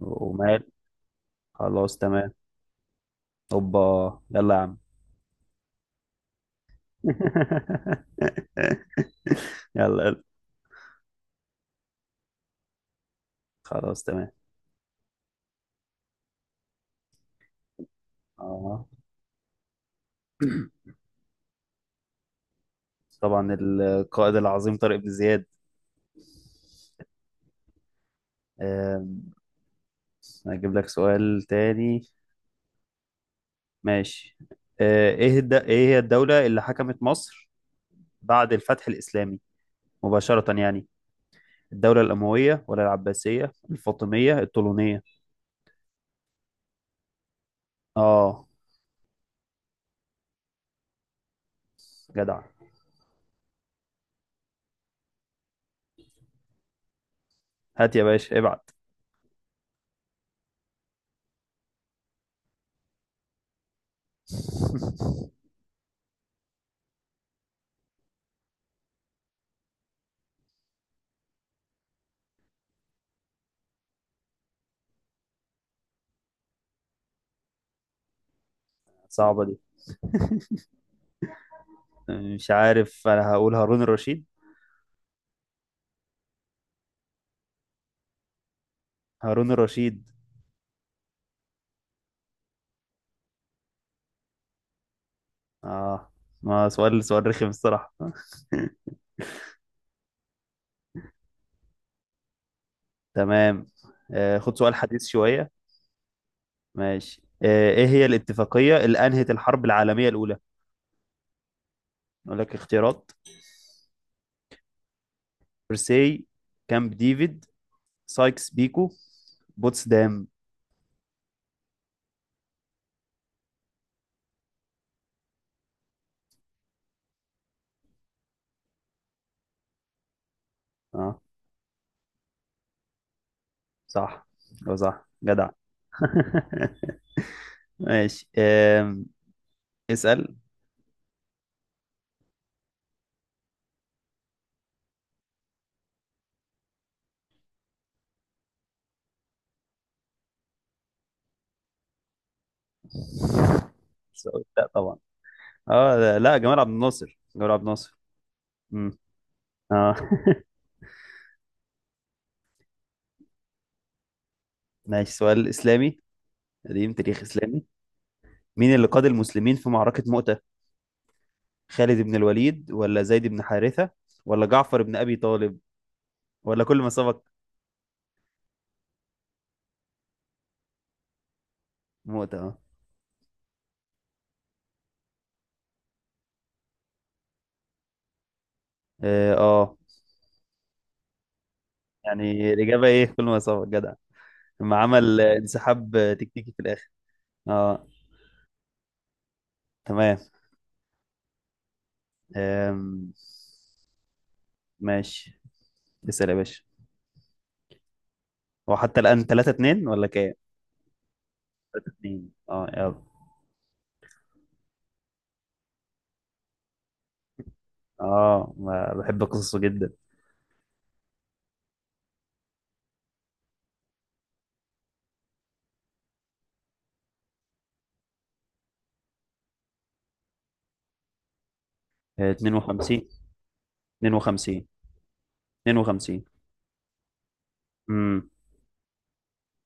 ومال. خلاص، تمام. اوبا، يلا يا عم. يلا يلا. خلاص، تمام. اه، طبعا القائد العظيم طارق بن زياد. آم، هجيب لك سؤال تاني. ماشي. ايه هي الدولة اللي حكمت مصر بعد الفتح الإسلامي مباشرة يعني، الدولة الأموية ولا العباسية الفاطمية الطولونية؟ اه، جدع. هات يا باشا ابعت. صعبة دي، مش عارف، انا هقول هارون الرشيد. هارون الرشيد. اه، ما سؤال سؤال رخم الصراحة. تمام. آه، خد سؤال حديث شوية. ماشي. آه، ايه هي الاتفاقية اللي انهت الحرب العالمية الاولى؟ اقول لك اختيارات: فرساي، كامب ديفيد، سايكس بيكو، بوتسدام. اه، صح. هو صح، جدع. ماشي. اسأل. لا طبعا. اه، لا، جمال عبد الناصر جمال عبد الناصر. اه. ماشي، سؤال إسلامي قديم، تاريخ إسلامي. مين اللي قاد المسلمين في معركة مؤتة؟ خالد بن الوليد ولا زيد بن حارثة ولا جعفر بن أبي طالب ولا كل ما سبق؟ مؤتة، اه. اه، آه. يعني الإجابة إيه؟ كل ما سبق، جدع. لما عمل انسحاب تكتيكي في الآخر. اه، تمام. آم. ماشي، اسأل يا باشا. هو حتى الآن 3 2 ولا كام؟ 3 2، اه يلا. اه، بحب قصصه جدا. 52. 52. 52. امم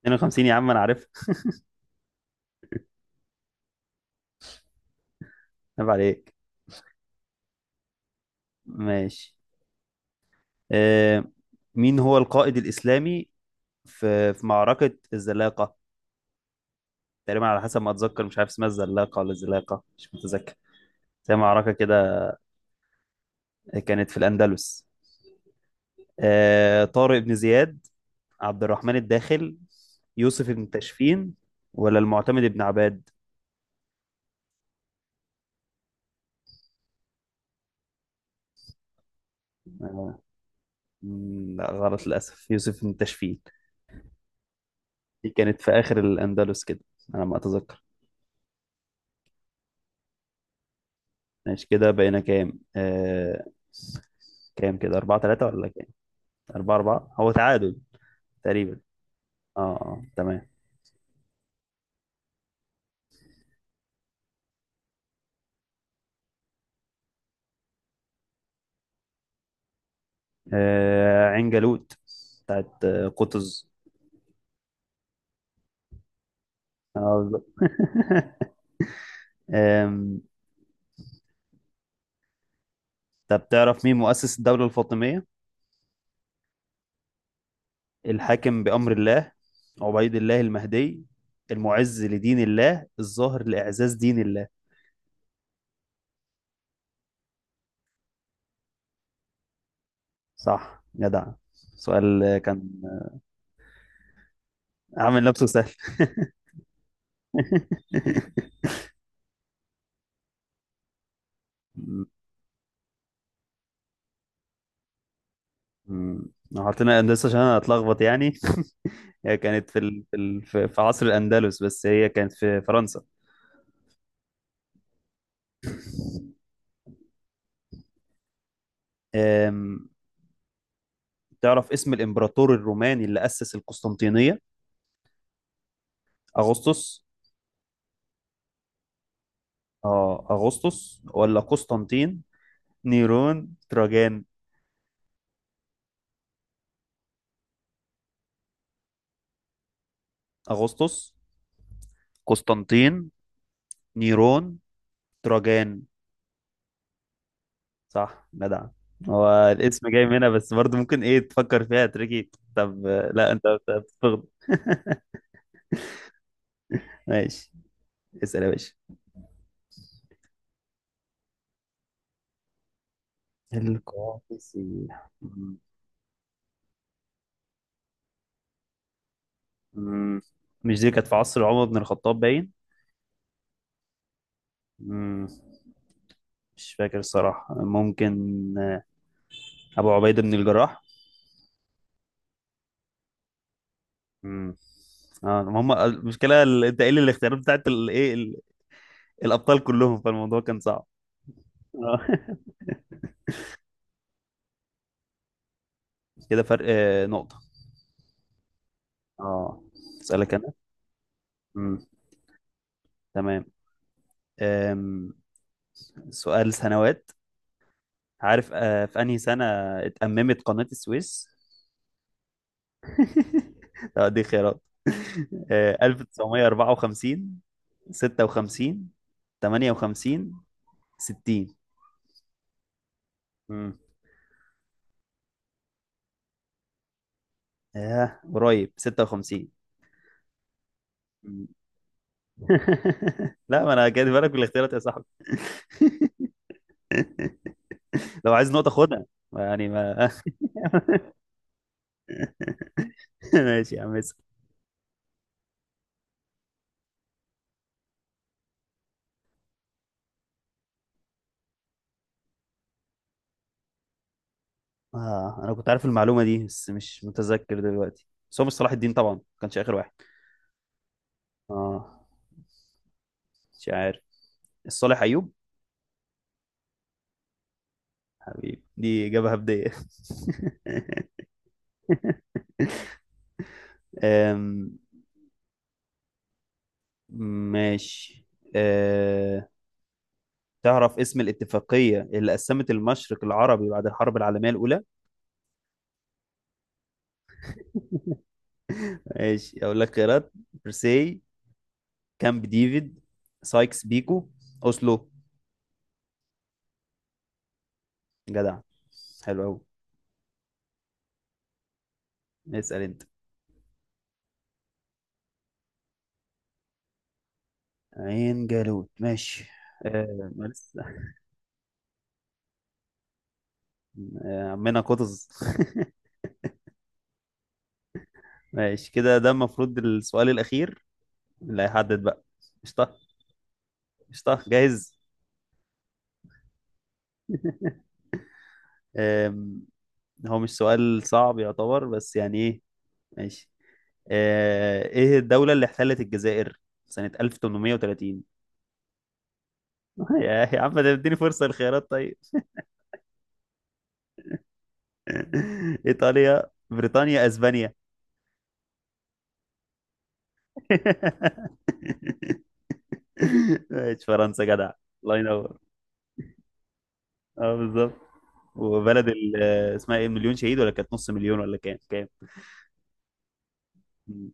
52 يا عم انا عارف. عيب عليك. ماشي. آه، مين هو القائد الإسلامي في معركة الزلاقة؟ تقريبا على حسب ما أتذكر، مش عارف اسمها الزلاقة ولا الزلاقة، مش متذكر. زي معركة كده، كانت في الأندلس. آه، طارق بن زياد، عبد الرحمن الداخل، يوسف بن تاشفين، ولا المعتمد بن عباد؟ آه، لا، غلط للأسف. يوسف بن تاشفين. دي كانت في آخر الأندلس كده، على ما أتذكر. ماشي، كده بقينا كام كام كده، أربعة تلاتة ولا كام؟ أربعة أربعة، هو تعادل تقريبا. اه اه، تمام. عين جالوت، بتاعت قطز. اه، بالظبط. آم، طب تعرف مين مؤسس الدولة الفاطمية؟ الحاكم بأمر الله، عبيد الله المهدي، المعز لدين الله، الظاهر لإعزاز دين الله. صح، جدع. سؤال كان عامل نفسه سهل. مم. حاطينها أندلس عشان أنا أتلخبط يعني. هي كانت في في عصر الأندلس، بس هي كانت في فرنسا. أم... تعرف اسم الإمبراطور الروماني اللي أسس القسطنطينية؟ أغسطس. آه، أغسطس ولا قسطنطين، نيرون، تراجان؟ أغسطس، قسطنطين، نيرون، تراجان. صح، جدع. هو الاسم جاي من هنا، بس برضه ممكن ايه تفكر فيها تريكي. طب لا، بتغلط. ماشي، اسأل يا باشا. القادسية، مم. مش دي كانت في عصر عمر بن الخطاب باين؟ مم. مش فاكر الصراحة. ممكن أبو عبيدة بن الجراح. مم. اه، هم المشكلة انت قايل الاختيارات بتاعت الايه، الأبطال كلهم، فالموضوع كان صعب. آه. كده فرق نقطة. اه، أسألك أنا. مم. تمام. أم. سؤال سنوات. عارف في أنهي سنة اتأممت قناة السويس؟ اه، دي خيارات. آه، 1954، 56، 58، 60. مم. اه، قريب، 56. لا، ما انا جاي بالك بالاختيارات يا صاحبي. لو عايز نقطة خدها، يعني ما. ماشي يا عم، اسأل. اه، انا كنت عارف المعلومة دي بس مش متذكر دلوقتي. بس هو مش صلاح الدين طبعا، ما كانش اخر واحد. اه، مش عارف. الصالح ايوب. حبيبي، دي اجابة هبدية. أم، ماشي. أه... تعرف اسم الاتفاقية اللي قسمت المشرق العربي بعد الحرب العالمية الأولى؟ ماشي أقول لك خيارات: برساي، كامب ديفيد، سايكس بيكو، أوسلو. جدع، حلو أوي. اسأل أنت. عين جالوت، ماشي. آه، ما لسه. آه، عمنا قطز. ماشي، كده ده المفروض السؤال الأخير اللي هيحدد بقى. قشطة. قشطة، جاهز. آم، هو مش سؤال صعب يعتبر، بس يعني إيه. ماشي. آه، ايه الدولة اللي احتلت الجزائر سنة 1830؟ يا عم، ده اديني فرصة الخيارات طيب. ايطاليا، بريطانيا، اسبانيا. ماشي، فرنسا، جدع. الله ينور. اه، بالظبط. وبلد اسمها ايه، مليون شهيد؟ ولا كانت نص مليون ولا كام كام؟ مم.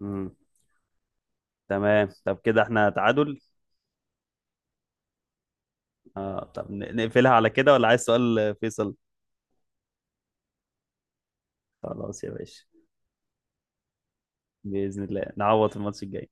مم. تمام. طب كده احنا تعادل. اه، طب نقفلها على كده ولا عايز سؤال فيصل؟ خلاص يا باشا. بإذن الله نعوض في الماتش الجاي.